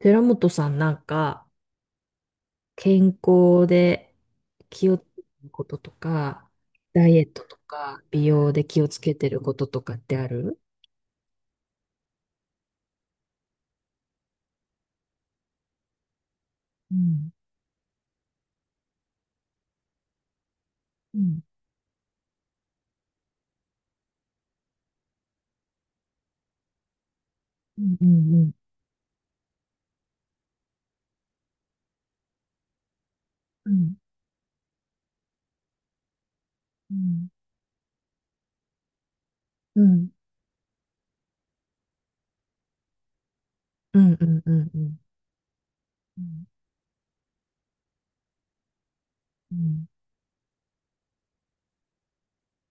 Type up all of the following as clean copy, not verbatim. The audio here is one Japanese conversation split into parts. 寺本さんなんか健康で気をつけてることとか、ダイエットとか、美容で気をつけてることとかってある？うんうんうんうんうんうんうんうんうん。うんうんうん、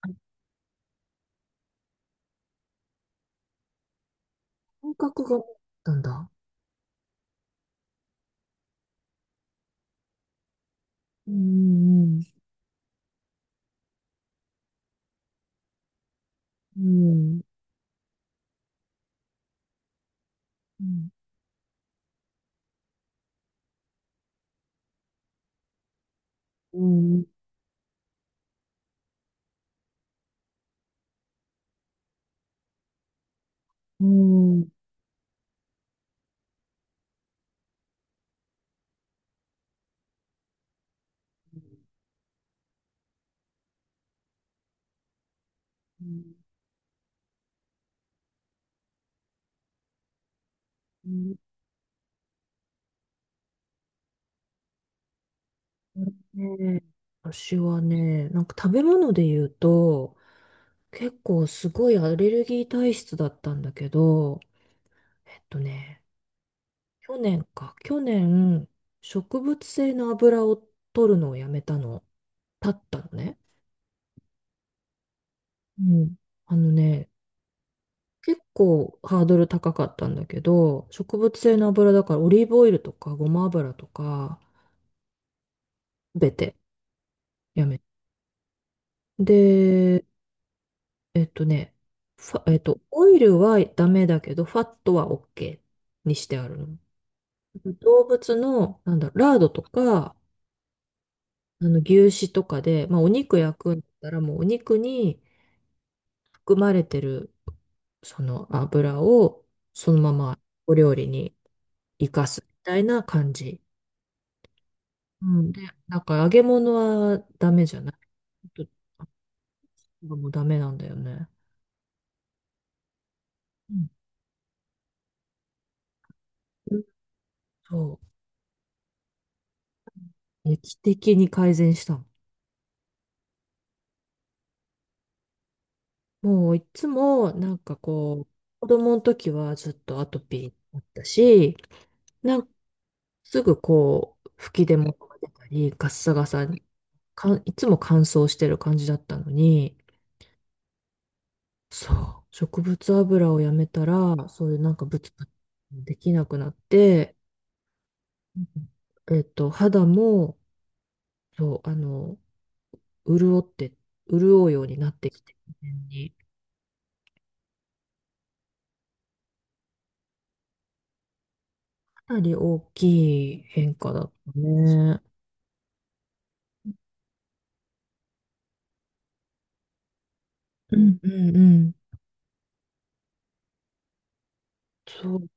あ、感覚があったんだ。うんうんうんうんうんうんうんうんうん。ね、私はね、なんか食べ物で言うと、結構すごいアレルギー体質だったんだけど、えっとね、去年、植物性の油を取るのをやめたの、たったのね。うん。あのね、結構ハードル高かったんだけど、植物性の油だからオリーブオイルとかごま油とか、すべてやめ。で、えっとね、ファえっと、オイルはダメだけど、ファットは OK にしてあるの。動物の、なんだろう、ラードとか、あの、牛脂とかで、まあ、お肉焼くんだったら、もうお肉に含まれてる、その油を、そのままお料理に生かすみたいな感じ。うん。で、なんか揚げ物はダメじゃない。ちょっともうダメなんだよね。うん。そう。劇的に改善したの。もういつも、なんかこう、子供の時はずっとアトピーだったし、なんかすぐこう、吹き出物が出たり、ガッサガサに、いつも乾燥してる感じだったのに、そう、植物油をやめたら、そういうなんかブツブツできなくなって、うん、肌も、そう、あの、潤って、潤うようになってきて、自然にかなり大きい変化だったね。うんうんうん。そう、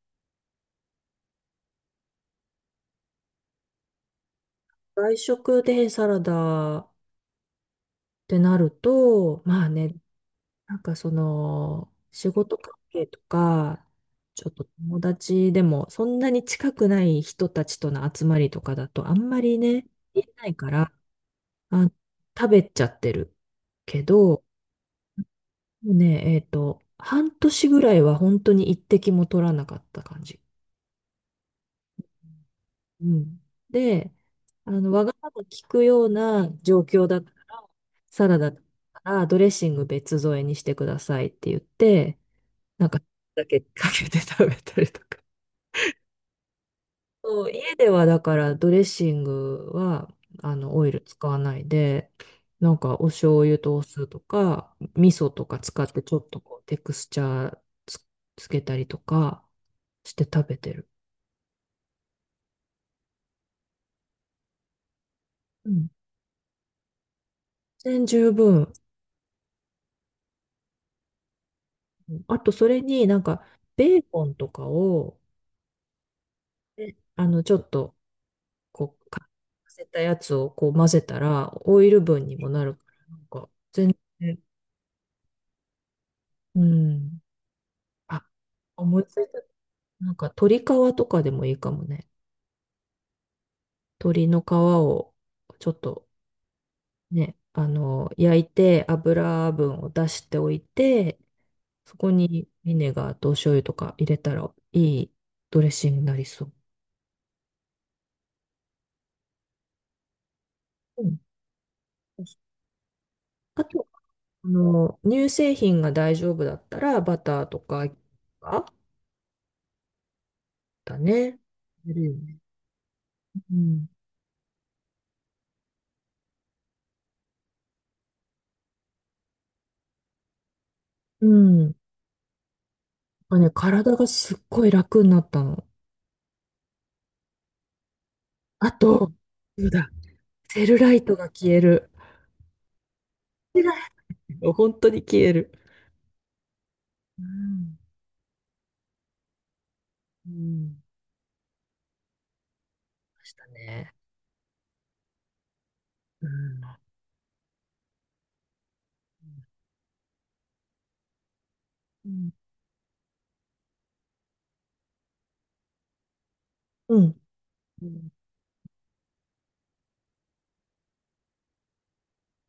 外食でサラダってなると、まあね、なんかその、仕事関係とか、ちょっと友達でも、そんなに近くない人たちとの集まりとかだと、あんまりね、言えないから、あ、食べちゃってるけど、もうね、半年ぐらいは本当に一滴も取らなかった感じ。うん。で、あの、わがまま聞くような状況だったら、サラダだったらドレッシング別添えにしてくださいって言って、なんか、だけかけて食べたりとか。そう、家ではだからドレッシングはあのオイル使わないで、なんかお醤油とお酢とか、味噌とか使ってちょっとこうテクスチャーつ、つけたりとかして食べてる。うん。全然十分。あとそれになんかベーコンとかを、えあのちょっとこう、かかせたやつをこう混ぜたらオイル分にもなるから、なんか、ね。うん。あ、思いついた。なんか鶏皮とかでもいいかもね。鶏の皮をちょっとね、あの、焼いて油分を出しておいて、そこにビネガーとお醤油とか入れたらいいドレッシングになりそう。うん。あと、あの、乳製品が大丈夫だったらバターとかあだね。入るよね。うん。うん。なんかね、体がすっごい楽になったの。あと、そうだ、セルライトが消える。セルライト本当に消える。うん。うん。ましたね。うん。うん。うん。うん。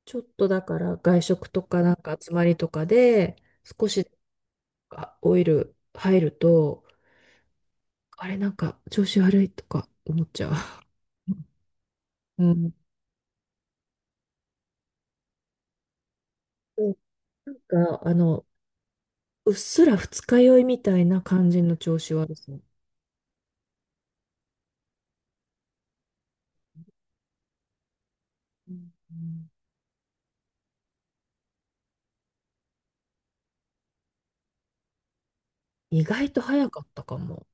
ちょっとだから外食とかなんか集まりとかで少しオイル入ると、あれなんか調子悪いとか思っちゃう。うん。うん、なんかあの、うっすら二日酔いみたいな感じの調子悪さ。うん。意外と早かったかも。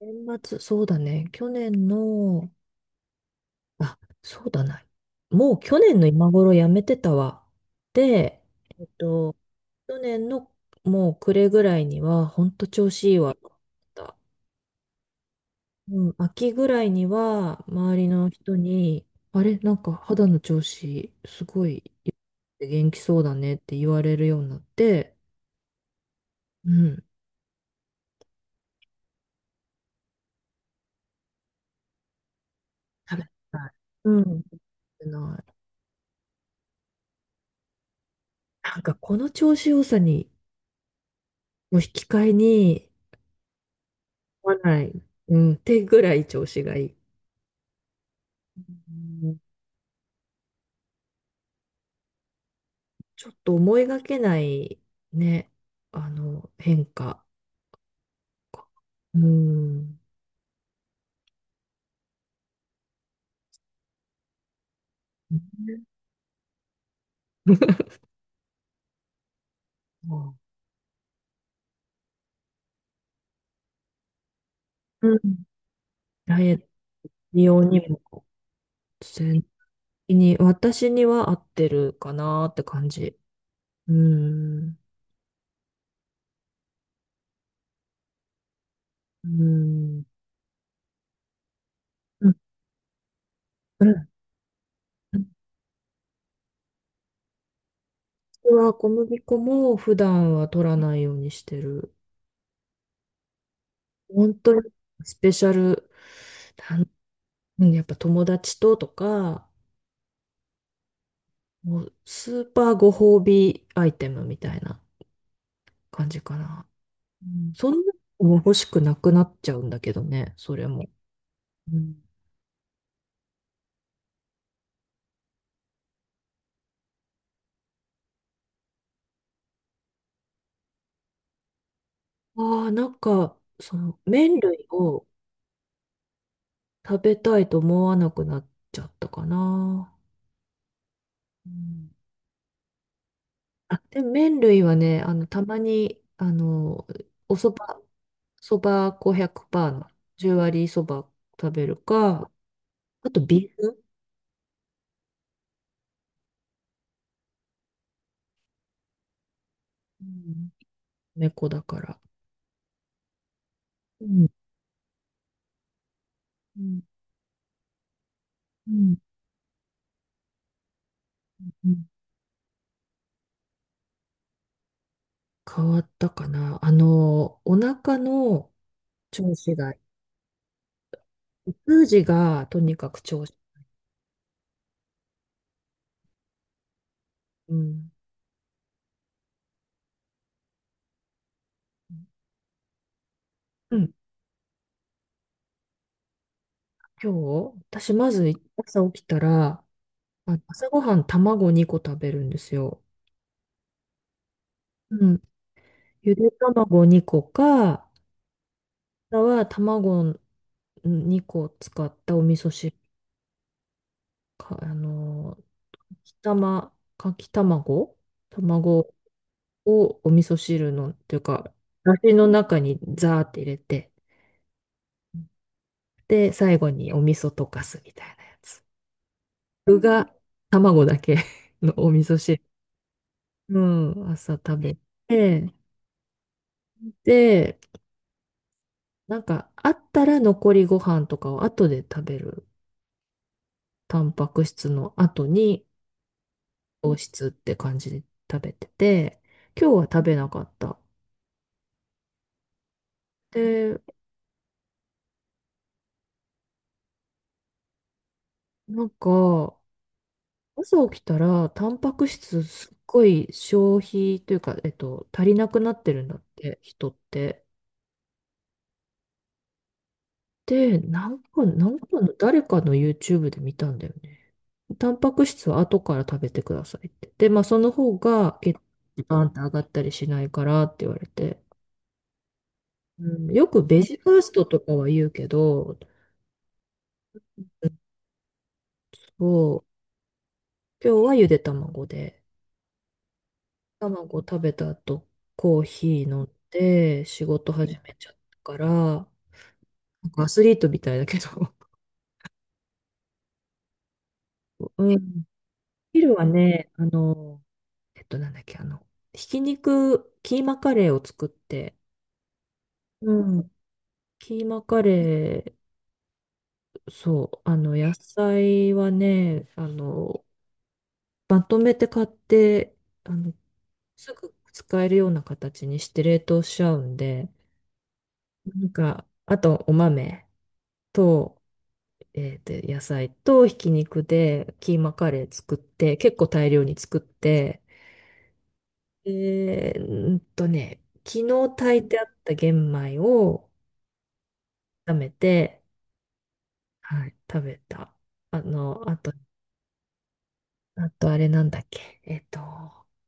年末、そうだね。去年の、あ、そうだな。もう去年の今頃やめてたわ。で、えっと、去年のもう暮れぐらいには、ほんと調子いいわと思った。うん、秋ぐらいには、周りの人に、あれ、なんか肌の調子、すごい元気そうだねって言われるようになって、うん、食べたい。うん、食べない。なんかこの調子良さに、を引き換えに、思わない。うん、ってぐらい調子がいい。うん。ちょっと思いがけないね、あの、変化。うん。うんうん、ダイエット用にも、全然に、私には合ってるかなって感じ。うん。うん。うん。うん。私は小麦粉も普段は取らないようにしてる。本当にスペシャル、なんやっぱ友達ととか、もうスーパーご褒美アイテムみたいな感じかな。うん、そんなのも欲しくなくなっちゃうんだけどね、それも。うん、ああ、なんか、その麺類を食べたいと思わなくなっちゃったかな。うん、あ、でも麺類はね、あの、たまに、あの、おそば5 100%の10割そば食べるか、あとビーフ、うん、猫だから。うんうんうん、変わったかな。あの、お腹の調子が、通じがとにかく調子。うん。うん。今日、私まず朝起きたら、朝ごはん卵2個食べるんですよ。うん。ゆで卵2個か、あとは卵2個使ったお味噌汁か、あの、かき卵卵をお味噌汁の、というか、だしの中にザーって入れて。で、最後にお味噌溶かすみたいなやつ。具が卵だけ のお味噌汁。うん、朝食べて、で、なんかあったら残りご飯とかを後で食べる。タンパク質の後に糖質って感じで食べてて、今日は食べなかった。で、なんか、朝起きたら、タンパク質すっごい消費というか、足りなくなってるんだって、人って。で、なんかの誰かの YouTube で見たんだよね。タンパク質は後から食べてくださいって。で、まあその方が血糖値バーンって上がったりしないからって言われて。うん、よくベジファーストとかは言うけど、うん、そう、今日はゆで卵で、卵食べた後、コーヒー飲んで仕事始めちゃったから、なんかアスリートみたいだけど。うん。昼はね、あの、なんだっけ、あの、ひき肉、キーマカレーを作って、うん。キーマカレー、そう、あの、野菜はね、あの、まとめて買って、あの、すぐ使えるような形にして冷凍しちゃうんで、なんか、あと、お豆と、野菜とひき肉でキーマカレー作って、結構大量に作って、えーんとね、昨日炊いてあった玄米を、炒めて、はい、食べた。あの、あと、あとあれなんだっけ。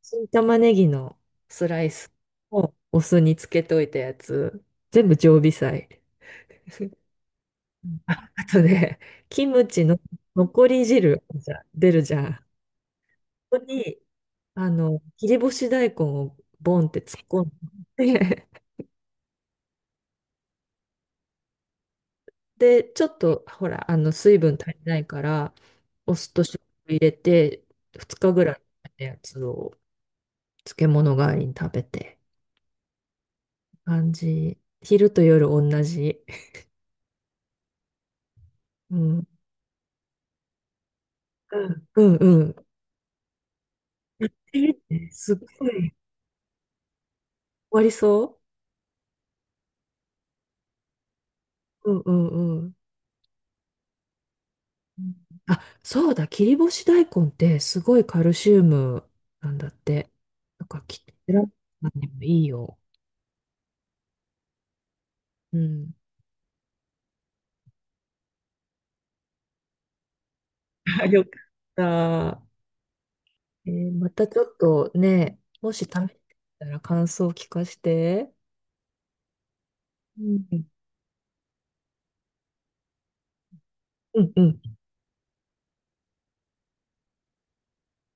新玉ねぎのスライスをお酢につけといたやつ、全部常備菜。あ、あとね、キムチの残り汁じゃ出るじゃん。ここに、あの、切り干し大根をボンって突っ込んで、で、ちょっと、ほら、あの、水分足りないから、お酢と醤油入れて、2日ぐらいのやつを漬物代わりに食べて、感じ。昼と夜同じ。うん。うん、うん。うん、すっごい、終わりそう。うん、うん、うん。あ、そうだ、切り干し大根ってすごいカルシウムなんだって。なんか、きっと、選ぶのにもいいよ。うん。あ、よかった。またちょっとね、もし試してたら感想を聞かせて。うん。うん、うん。